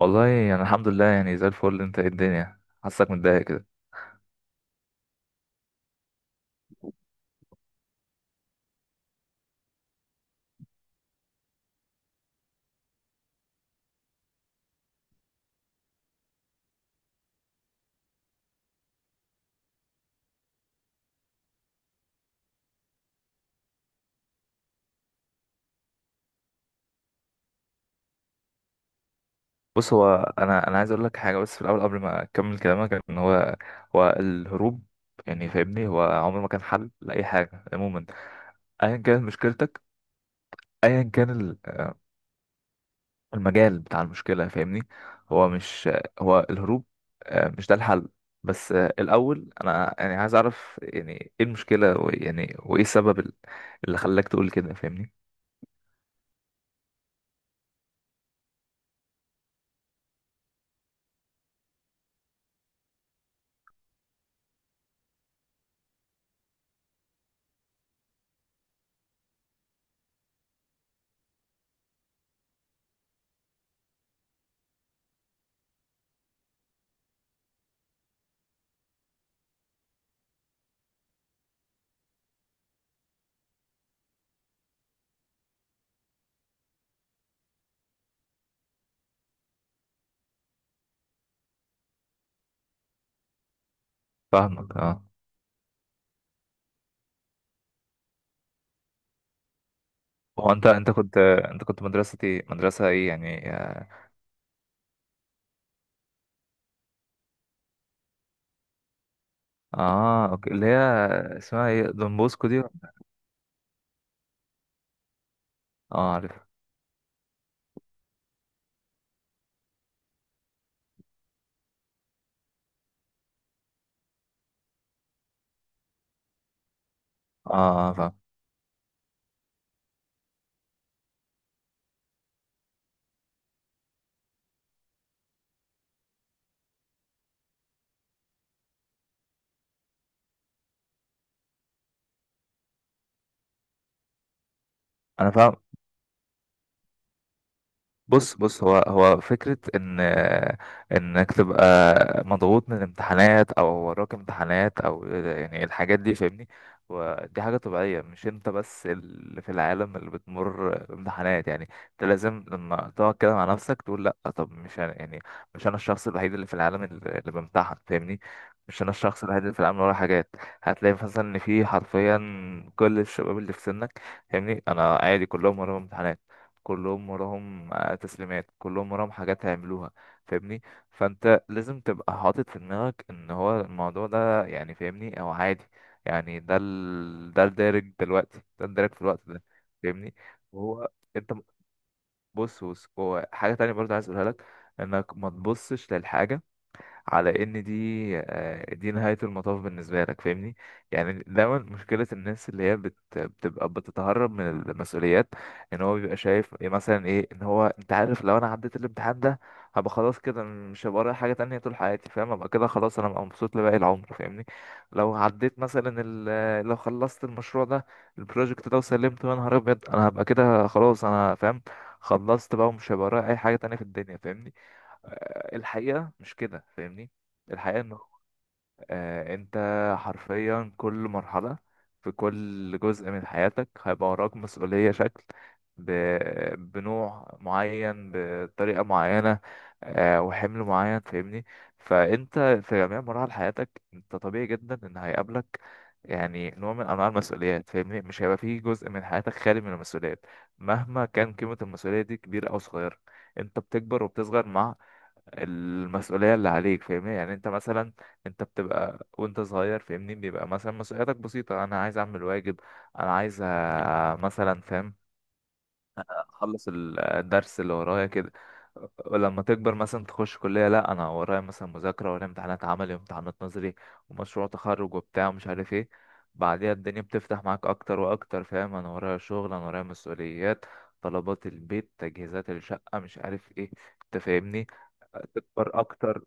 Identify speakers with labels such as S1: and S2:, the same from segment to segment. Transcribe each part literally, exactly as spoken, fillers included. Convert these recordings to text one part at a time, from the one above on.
S1: والله يعني الحمد لله، يعني زي الفل. انت ايه؟ الدنيا حاسك متضايق كده؟ بص، هو انا انا عايز اقول لك حاجه، بس في الاول قبل ما اكمل كلامك، ان هو هو الهروب يعني، فاهمني، هو عمره ما كان حل لاي حاجه عموما. ايا كانت مشكلتك، ايا كان ال- المجال بتاع المشكله فاهمني. هو مش هو الهروب، آه، مش ده الحل. بس آه، الاول انا يعني عايز اعرف، يعني ايه المشكله، ويعني وايه السبب ال- اللي خلاك تقول كده، فاهمني. فاهمك، اه. هو انت انت كنت انت كنت مدرسة ايه، مدرسة ايه يعني؟ اه، اوكي، اللي هي اسمها ايه؟ دون بوسكو دي؟ اه، عارف. اه، آه، فاهم. انا فاهم. بص بص، هو هو فكرة إن إنك تبقى مضغوط من الامتحانات، أو وراك امتحانات، أو يعني الحاجات دي فاهمني. ودي حاجة طبيعية، مش أنت بس اللي في العالم اللي بتمر بامتحانات، يعني أنت لازم لما تقعد كده مع نفسك تقول: لأ، طب مش أنا يعني، مش أنا الشخص الوحيد اللي في العالم اللي اللي بامتحن، فاهمني. مش أنا الشخص الوحيد اللي في العالم اللي وراه حاجات. هتلاقي مثلا إن في حرفيا كل الشباب اللي في سنك، فاهمني، أنا عادي، كلهم وراهم امتحانات، كلهم وراهم آه، تسليمات، كلهم وراهم حاجات هيعملوها، فاهمني. فانت لازم تبقى حاطط في دماغك ان هو الموضوع ده يعني فاهمني او عادي، يعني ده ال... ده الدارج دلوقتي، ده الدارج في الوقت ده. فاهمني. وهو انت م- بص بص، هو حاجة تانية برضه عايز اقولها لك، انك ما تبصش للحاجة على ان دي آه، دي نهاية المطاف بالنسبة لك، فاهمني. يعني دايما مشكلة الناس اللي هي بت... بتبقى بتتهرب من المسؤوليات، ان هو بيبقى شايف إيه مثلا، ايه ان هو انت عارف لو انا عديت الامتحان ده، هبقى خلاص كده مش هبقى ورايا حاجة تانية طول حياتي، فاهم، ابقى كده خلاص، انا هبقى مبسوط لباقي العمر، فاهمني. لو عديت مثلا ال... لو خلصت المشروع ده، البروجكت ده وسلمته، يا نهار ابيض انا هبقى كده خلاص، انا فاهم، خلصت بقى ومش هيبقى ورايا اي حاجة تانية في الدنيا، فاهمني. آه، الحقيقة مش كده، فاهمني. الحقيقة انه آه، انت حرفيا كل مرحلة، في كل جزء من حياتك هيبقى وراك مسؤولية شكل، ب... بنوع معين، بطريقة معينة، آه، وحمل معين، فاهمني. فانت في جميع مراحل حياتك انت طبيعي جدا ان هيقابلك يعني نوع من انواع المسؤوليات، فاهمني، مش هيبقى فيه جزء من حياتك خالي من المسؤوليات، مهما كان قيمة المسؤولية دي كبيرة او صغيرة. انت بتكبر وبتصغر مع المسؤولية اللي عليك، فاهمني. يعني انت مثلا، انت بتبقى وانت صغير، فاهمني، بيبقى مثلا مسؤولياتك بسيطة: انا عايز اعمل واجب، انا عايز آه، مثلا، فاهم، اخلص ال- الدرس اللي ورايا كده. ولما تكبر مثلا تخش كلية، لا انا ورايا مثلا مذاكرة، ورايا امتحانات عملي وامتحانات نظري ومشروع تخرج وبتاع ومش عارف ايه. بعديها الدنيا بتفتح معاك اكتر واكتر، فاهم، انا ورايا شغل، انا ورايا مسؤوليات، طلبات البيت، تجهيزات الشقة، مش عارف ايه. انت فاهمني، تكبر اكتر.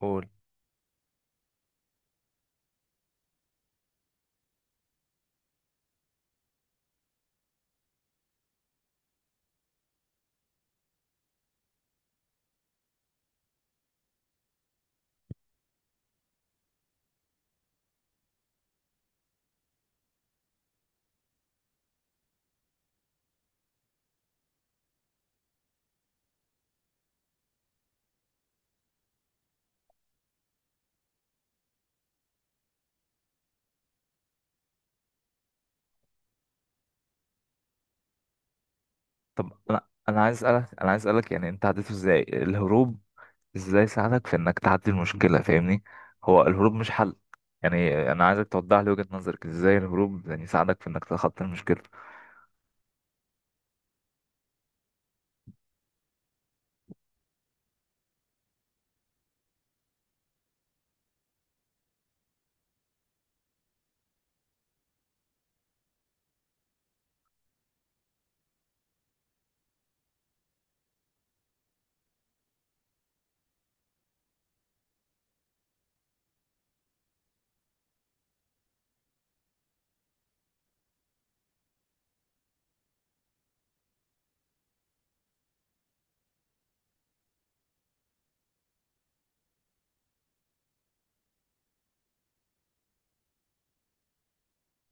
S1: قول. طب انا انا عايز اسالك انا عايز اسالك، يعني انت عديته ازاي الهروب؟ ازاي ساعدك في انك تعدي المشكله، فاهمني؟ هو الهروب مش حل. يعني انا عايزك توضح لي وجهه نظرك، ازاي الهروب يعني ساعدك في انك تتخطى المشكله؟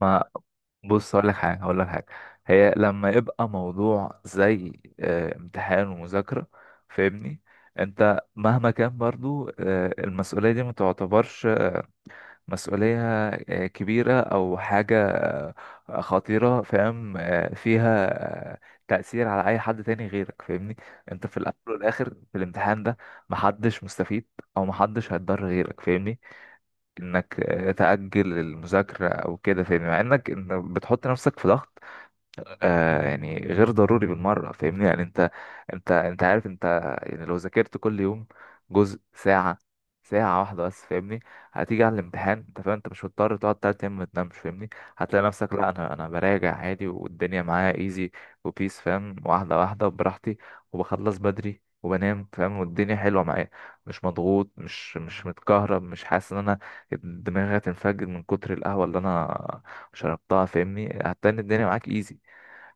S1: ما بص، هقول لك حاجه هقول لك حاجه. هي لما يبقى موضوع زي آه، امتحان ومذاكره، فاهمني، انت مهما كان برضو آه، المسؤوليه دي ما تعتبرش مسؤولية آه، كبيرة أو حاجة آه، خطيرة، فاهم، آه، فيها آه، تأثير على أي حد تاني غيرك، فاهمني. أنت في الأول والآخر في الامتحان ده، محدش مستفيد أو محدش هيتضر غيرك، فاهمني، إنك آه، تأجل المذاكرة أو كده، فاهمني، مع إنك إن بتحط نفسك في ضغط آه يعني غير ضروري بالمرة، فاهمني. يعني انت انت انت عارف، انت يعني لو ذاكرت كل يوم جزء ساعة، ساعة واحدة بس، فاهمني، هتيجي على الامتحان، انت فاهم، انت مش مضطر تقعد تلات ايام ما تنامش، فاهمني. هتلاقي نفسك: لا انا انا براجع عادي والدنيا معايا ايزي وبيس، فاهم، واحدة واحدة وبراحتي، وبخلص بدري وبنام، فاهم، والدنيا حلوة معايا. مش مضغوط، مش مش متكهرب، مش حاسس ان انا دماغي هتنفجر من كتر القهوة اللي انا شربتها، فاهمني، هتلاقي إن الدنيا معاك ايزي.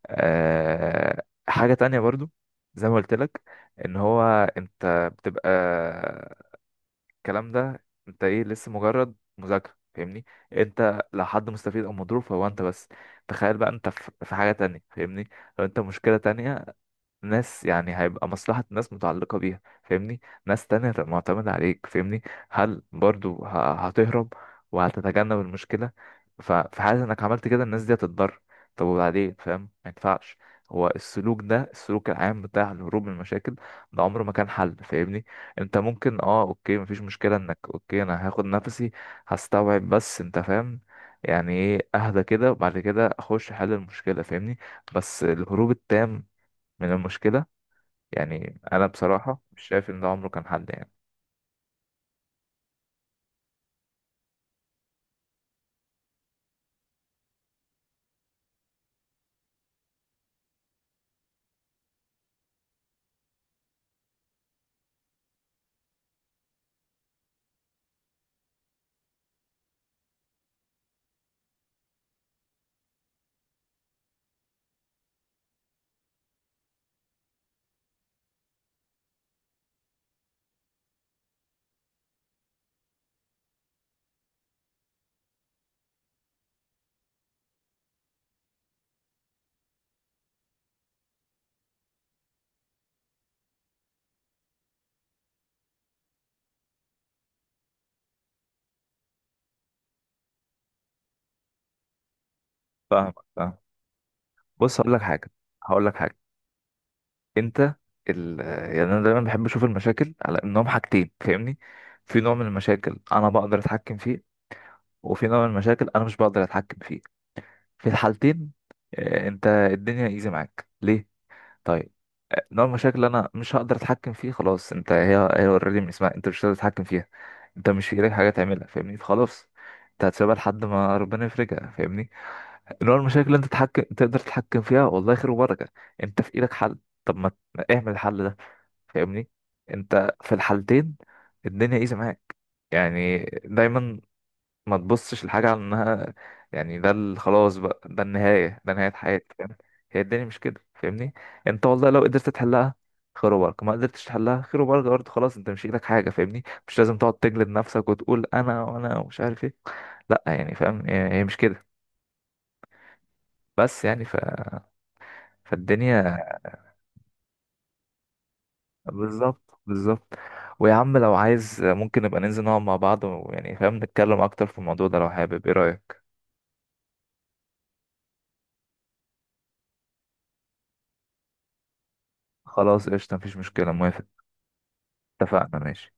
S1: آه، حاجة تانية برضو، زي ما قلت لك، ان هو انت بتبقى الكلام ده انت ايه لسه مجرد مذاكرة، فاهمني، انت لو حد مستفيد او مضروب فهو انت بس. تخيل بقى انت في في حاجة تانية، فاهمني، لو انت مشكلة تانية، ناس يعني هيبقى مصلحة ناس متعلقة بيها، فاهمني، ناس تانية هتبقى معتمدة عليك، فاهمني، هل برضو ه- هتهرب وهتتجنب المشكلة؟ ف- في حالة انك عملت كده الناس دي هتتضرر، طب وبعدين، فاهم، ما ينفعش. هو السلوك ده، السلوك العام بتاع الهروب من المشاكل، ده عمره ما كان حل، فاهمني. انت ممكن اه اوكي مفيش مشكلة انك اوكي، انا هاخد نفسي هستوعب، بس انت فاهم يعني ايه، اهدى كده وبعد كده اخش حل المشكلة، فاهمني. بس الهروب التام من المشكلة، يعني انا بصراحه مش شايف ان ده عمره كان حد يعني. فاهمك، فاهم. بص، هقول لك حاجه هقول لك حاجه. انت ال... يعني انا دايما بحب اشوف المشاكل على انهم حاجتين، فاهمني. في نوع من المشاكل انا بقدر اتحكم فيه، وفي نوع من المشاكل انا مش بقدر اتحكم فيه. في الحالتين آه، انت الدنيا ايزي معاك ليه؟ طيب، آه، نوع المشاكل اللي انا مش هقدر اتحكم فيه، خلاص انت هي هي اوريدي من اسمها، انت مش هتقدر تتحكم فيها، انت مش في ايدك حاجه تعملها، فاهمني، فخلاص انت هتسيبها لحد ما ربنا يفرجها، فاهمني. اللي هو المشاكل اللي انت تتحكم تقدر تتحكم فيها، والله خير وبركة، انت في ايدك حل، طب ما ت- اعمل الحل ده، فاهمني. انت في الحالتين الدنيا ايزي معاك. يعني دايما ما تبصش لحاجة على انها، يعني ده ال- خلاص بقى، ده النهاية، ده نهاية حياتي، فاهم. هي الدنيا مش كده، فاهمني. انت والله لو قدرت تحلها خير وبركة، ما قدرتش تحلها خير وبركة برضه، خلاص، انت مش في ايدك حاجة، فاهمني، مش لازم تقعد تجلد نفسك وتقول انا وانا ومش عارف ايه. لا يعني فاهم، هي هي مش كده. بس يعني ف فالدنيا. بالظبط بالظبط. ويا عم لو عايز ممكن نبقى ننزل نقعد مع بعض، ويعني فاهم نتكلم اكتر في الموضوع ده لو حابب. ايه رأيك؟ خلاص قشطة، مفيش مشكلة، موافق. اتفقنا، ماشي.